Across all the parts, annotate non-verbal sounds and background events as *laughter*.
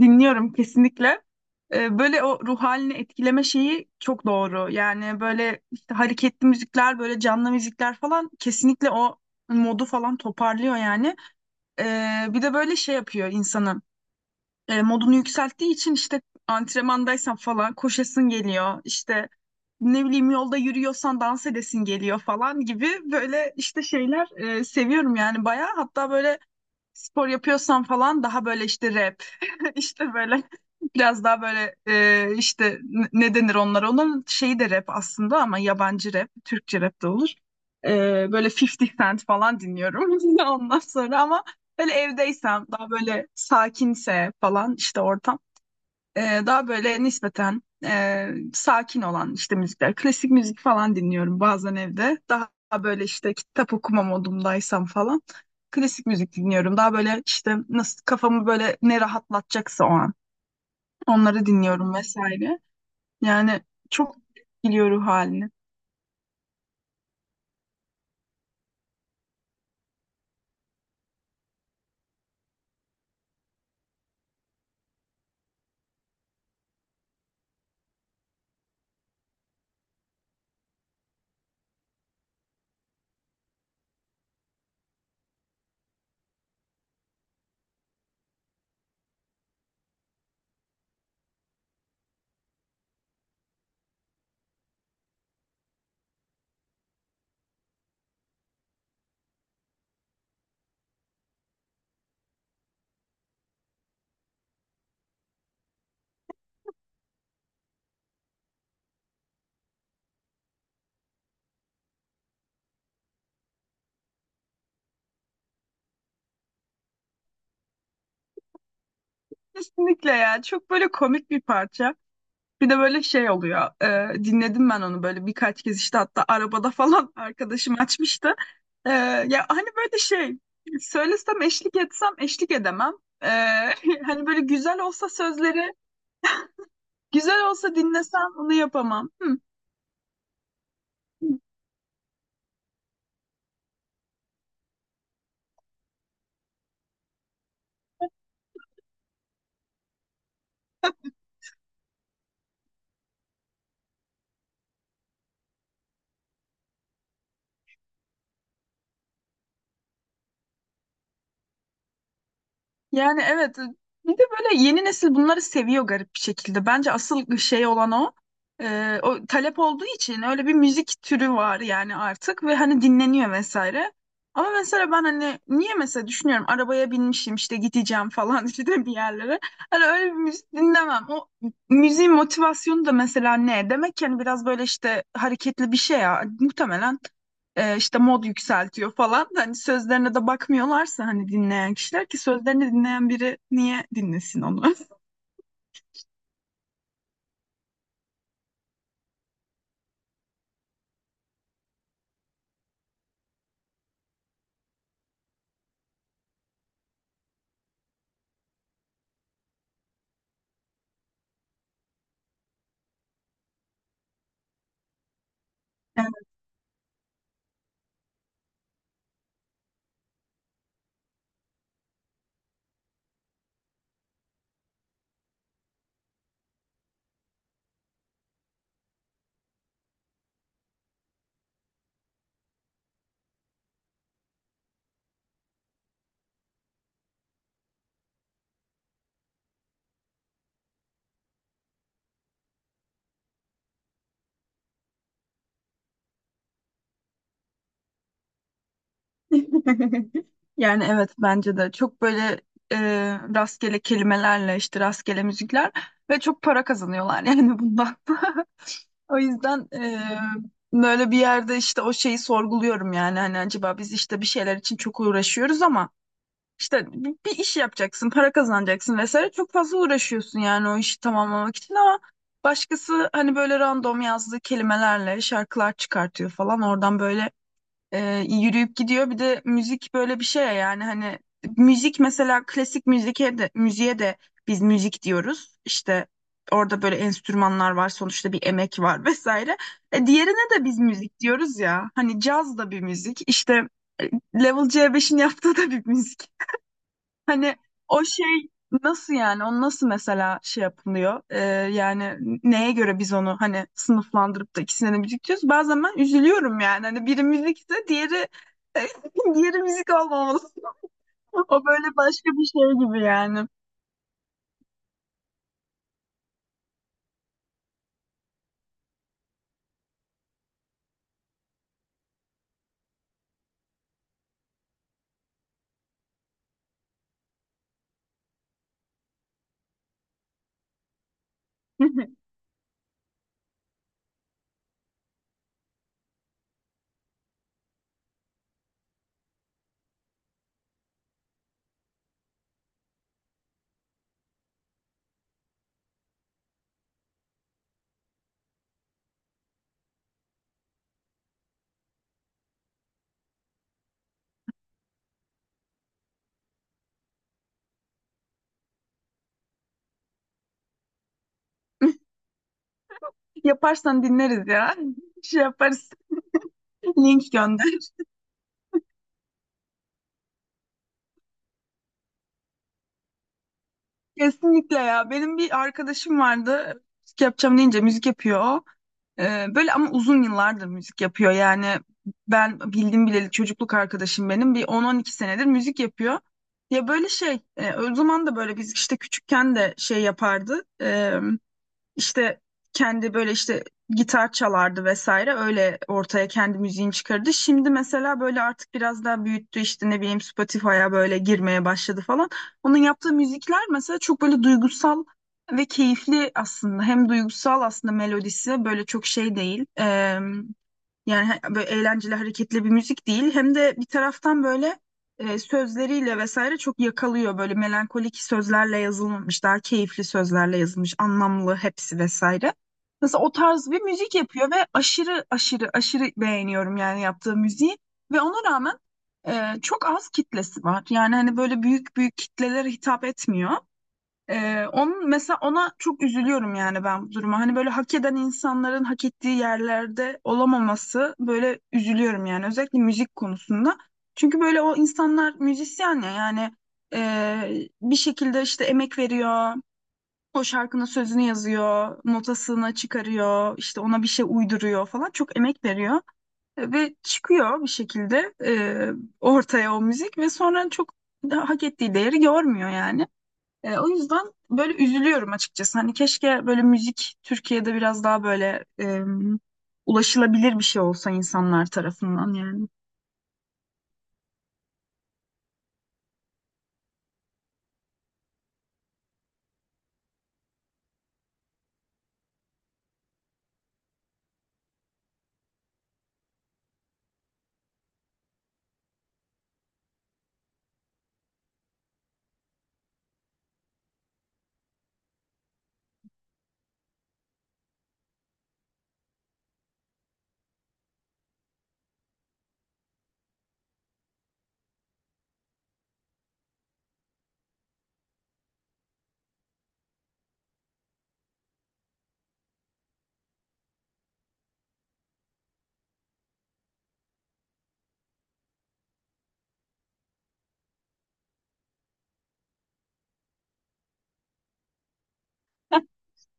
Dinliyorum kesinlikle. Böyle o ruh halini etkileme şeyi çok doğru. Yani böyle işte hareketli müzikler, böyle canlı müzikler falan kesinlikle o modu falan toparlıyor yani. Bir de böyle şey yapıyor insanı. Modunu yükselttiği için işte antrenmandaysan falan koşasın geliyor. İşte ne bileyim yolda yürüyorsan dans edesin geliyor falan gibi böyle işte şeyler seviyorum yani bayağı. Hatta böyle spor yapıyorsam falan daha böyle işte rap *laughs* işte böyle biraz daha böyle işte ne denir onlara onların şeyi de rap aslında ama yabancı rap Türkçe rap de olur. E, Böyle 50 Cent falan dinliyorum *laughs* ondan sonra ama böyle evdeysem daha böyle sakinse falan işte ortam daha böyle nispeten sakin olan işte müzikler. Klasik müzik falan dinliyorum bazen evde. Daha böyle işte kitap okuma modumdaysam falan. Klasik müzik dinliyorum. Daha böyle işte nasıl kafamı böyle ne rahatlatacaksa o an. Onları dinliyorum vesaire. Yani çok biliyor ruh halini. Kesinlikle ya. Çok böyle komik bir parça. Bir de böyle şey oluyor. Dinledim ben onu böyle birkaç kez işte hatta arabada falan *laughs* arkadaşım açmıştı. E, Ya hani böyle şey söylesem eşlik etsem eşlik edemem. E, *laughs* Hani böyle güzel olsa sözleri güzel olsa dinlesem onu yapamam. Hı. Yani evet, bir de böyle yeni nesil bunları seviyor garip bir şekilde. Bence asıl şey olan o. O talep olduğu için öyle bir müzik türü var yani artık ve hani dinleniyor vesaire. Ama mesela ben hani niye mesela düşünüyorum arabaya binmişim işte gideceğim falan *laughs* işte bir yerlere. Hani öyle bir müzik dinlemem. O müziğin motivasyonu da mesela ne? Demek ki hani biraz böyle işte hareketli bir şey ya. Muhtemelen işte mod yükseltiyor falan. Hani sözlerine de bakmıyorlarsa hani dinleyen kişiler ki sözlerini dinleyen biri niye dinlesin onu? *laughs* Yani evet, bence de çok böyle e, rastgele kelimelerle işte rastgele müzikler ve çok para kazanıyorlar yani bundan. *laughs* O yüzden böyle bir yerde işte o şeyi sorguluyorum yani hani acaba biz işte bir şeyler için çok uğraşıyoruz ama İşte bir iş yapacaksın, para kazanacaksın vesaire. Çok fazla uğraşıyorsun yani o işi tamamlamak için ama başkası hani böyle random yazdığı kelimelerle şarkılar çıkartıyor falan. Oradan böyle yürüyüp gidiyor. Bir de müzik böyle bir şey ya yani hani müzik mesela klasik müziğe de, müziğe de biz müzik diyoruz. İşte orada böyle enstrümanlar var, sonuçta bir emek var *laughs* vesaire. Diğerine de biz müzik diyoruz ya. Hani caz da bir müzik. İşte Level C5'in yaptığı da bir müzik. Hani o şey nasıl yani onu nasıl mesela şey yapılıyor. Yani neye göre biz onu hani sınıflandırıp da ikisine de müzik diyoruz, bazen ben üzülüyorum yani hani biri müzikse diğeri *laughs* diğeri müzik olmamalı. *laughs* O böyle başka bir şey gibi yani. *laughs* Yaparsan dinleriz ya, *laughs* şey yaparız, link gönder. Kesinlikle ya. Benim bir arkadaşım vardı. Müzik yapacağım deyince müzik yapıyor o. Böyle ama uzun yıllardır müzik yapıyor. Yani ben bildim bileli çocukluk arkadaşım benim. Bir 10-12 senedir müzik yapıyor. Ya böyle şey, o zaman da böyle biz işte küçükken de şey yapardı. İşte kendi böyle işte gitar çalardı vesaire, öyle ortaya kendi müziğini çıkardı. Şimdi mesela böyle artık biraz daha büyüttü, işte ne bileyim Spotify'a böyle girmeye başladı falan. Onun yaptığı müzikler mesela çok böyle duygusal ve keyifli aslında. Hem duygusal aslında, melodisi böyle çok şey değil. Yani böyle eğlenceli hareketli bir müzik değil. Hem de bir taraftan böyle sözleriyle vesaire çok yakalıyor. Böyle melankolik sözlerle yazılmamış, daha keyifli sözlerle yazılmış, anlamlı hepsi vesaire. Mesela o tarz bir müzik yapıyor ve aşırı aşırı aşırı beğeniyorum yani yaptığı müziği. Ve ona rağmen çok az kitlesi var. Yani hani böyle büyük büyük kitlelere hitap etmiyor. Onun mesela ona çok üzülüyorum yani ben bu duruma. Hani böyle hak eden insanların hak ettiği yerlerde olamaması, böyle üzülüyorum yani özellikle müzik konusunda. Çünkü böyle o insanlar müzisyen ya yani bir şekilde işte emek veriyor. O şarkının sözünü yazıyor, notasını çıkarıyor, işte ona bir şey uyduruyor falan. Çok emek veriyor. Ve çıkıyor bir şekilde ortaya o müzik ve sonra çok da hak ettiği değeri görmüyor yani. O yüzden böyle üzülüyorum açıkçası. Hani keşke böyle müzik Türkiye'de biraz daha böyle ulaşılabilir bir şey olsa insanlar tarafından yani.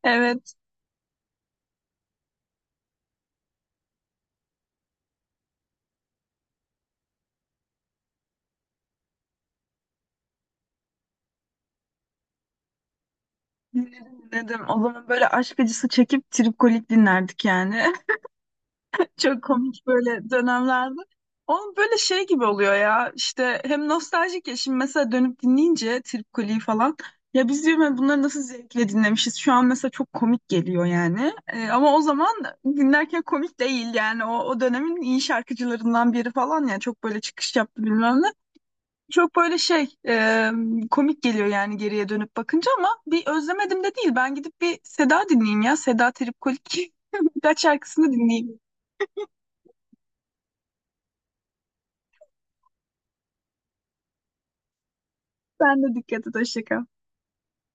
Evet, dinledim dinledim. O zaman böyle aşk acısı çekip tripkolik dinlerdik yani. *laughs* Çok komik böyle dönemlerde. Onun böyle şey gibi oluyor ya, işte hem nostaljik ya şimdi mesela dönüp dinleyince Trip Kuli'yi falan, ya biz diyorum ya bunları nasıl zevkle dinlemişiz şu an, mesela çok komik geliyor yani. Ama o zaman dinlerken komik değil yani, o dönemin iyi şarkıcılarından biri falan, ya çok böyle çıkış yaptı bilmem ne, çok böyle şey komik geliyor yani geriye dönüp bakınca, ama bir özlemedim de değil, ben gidip bir Seda dinleyeyim ya, Seda Trip Kuli *laughs* birkaç şarkısını dinleyeyim. Ben de dikkat et. Hoşça kal.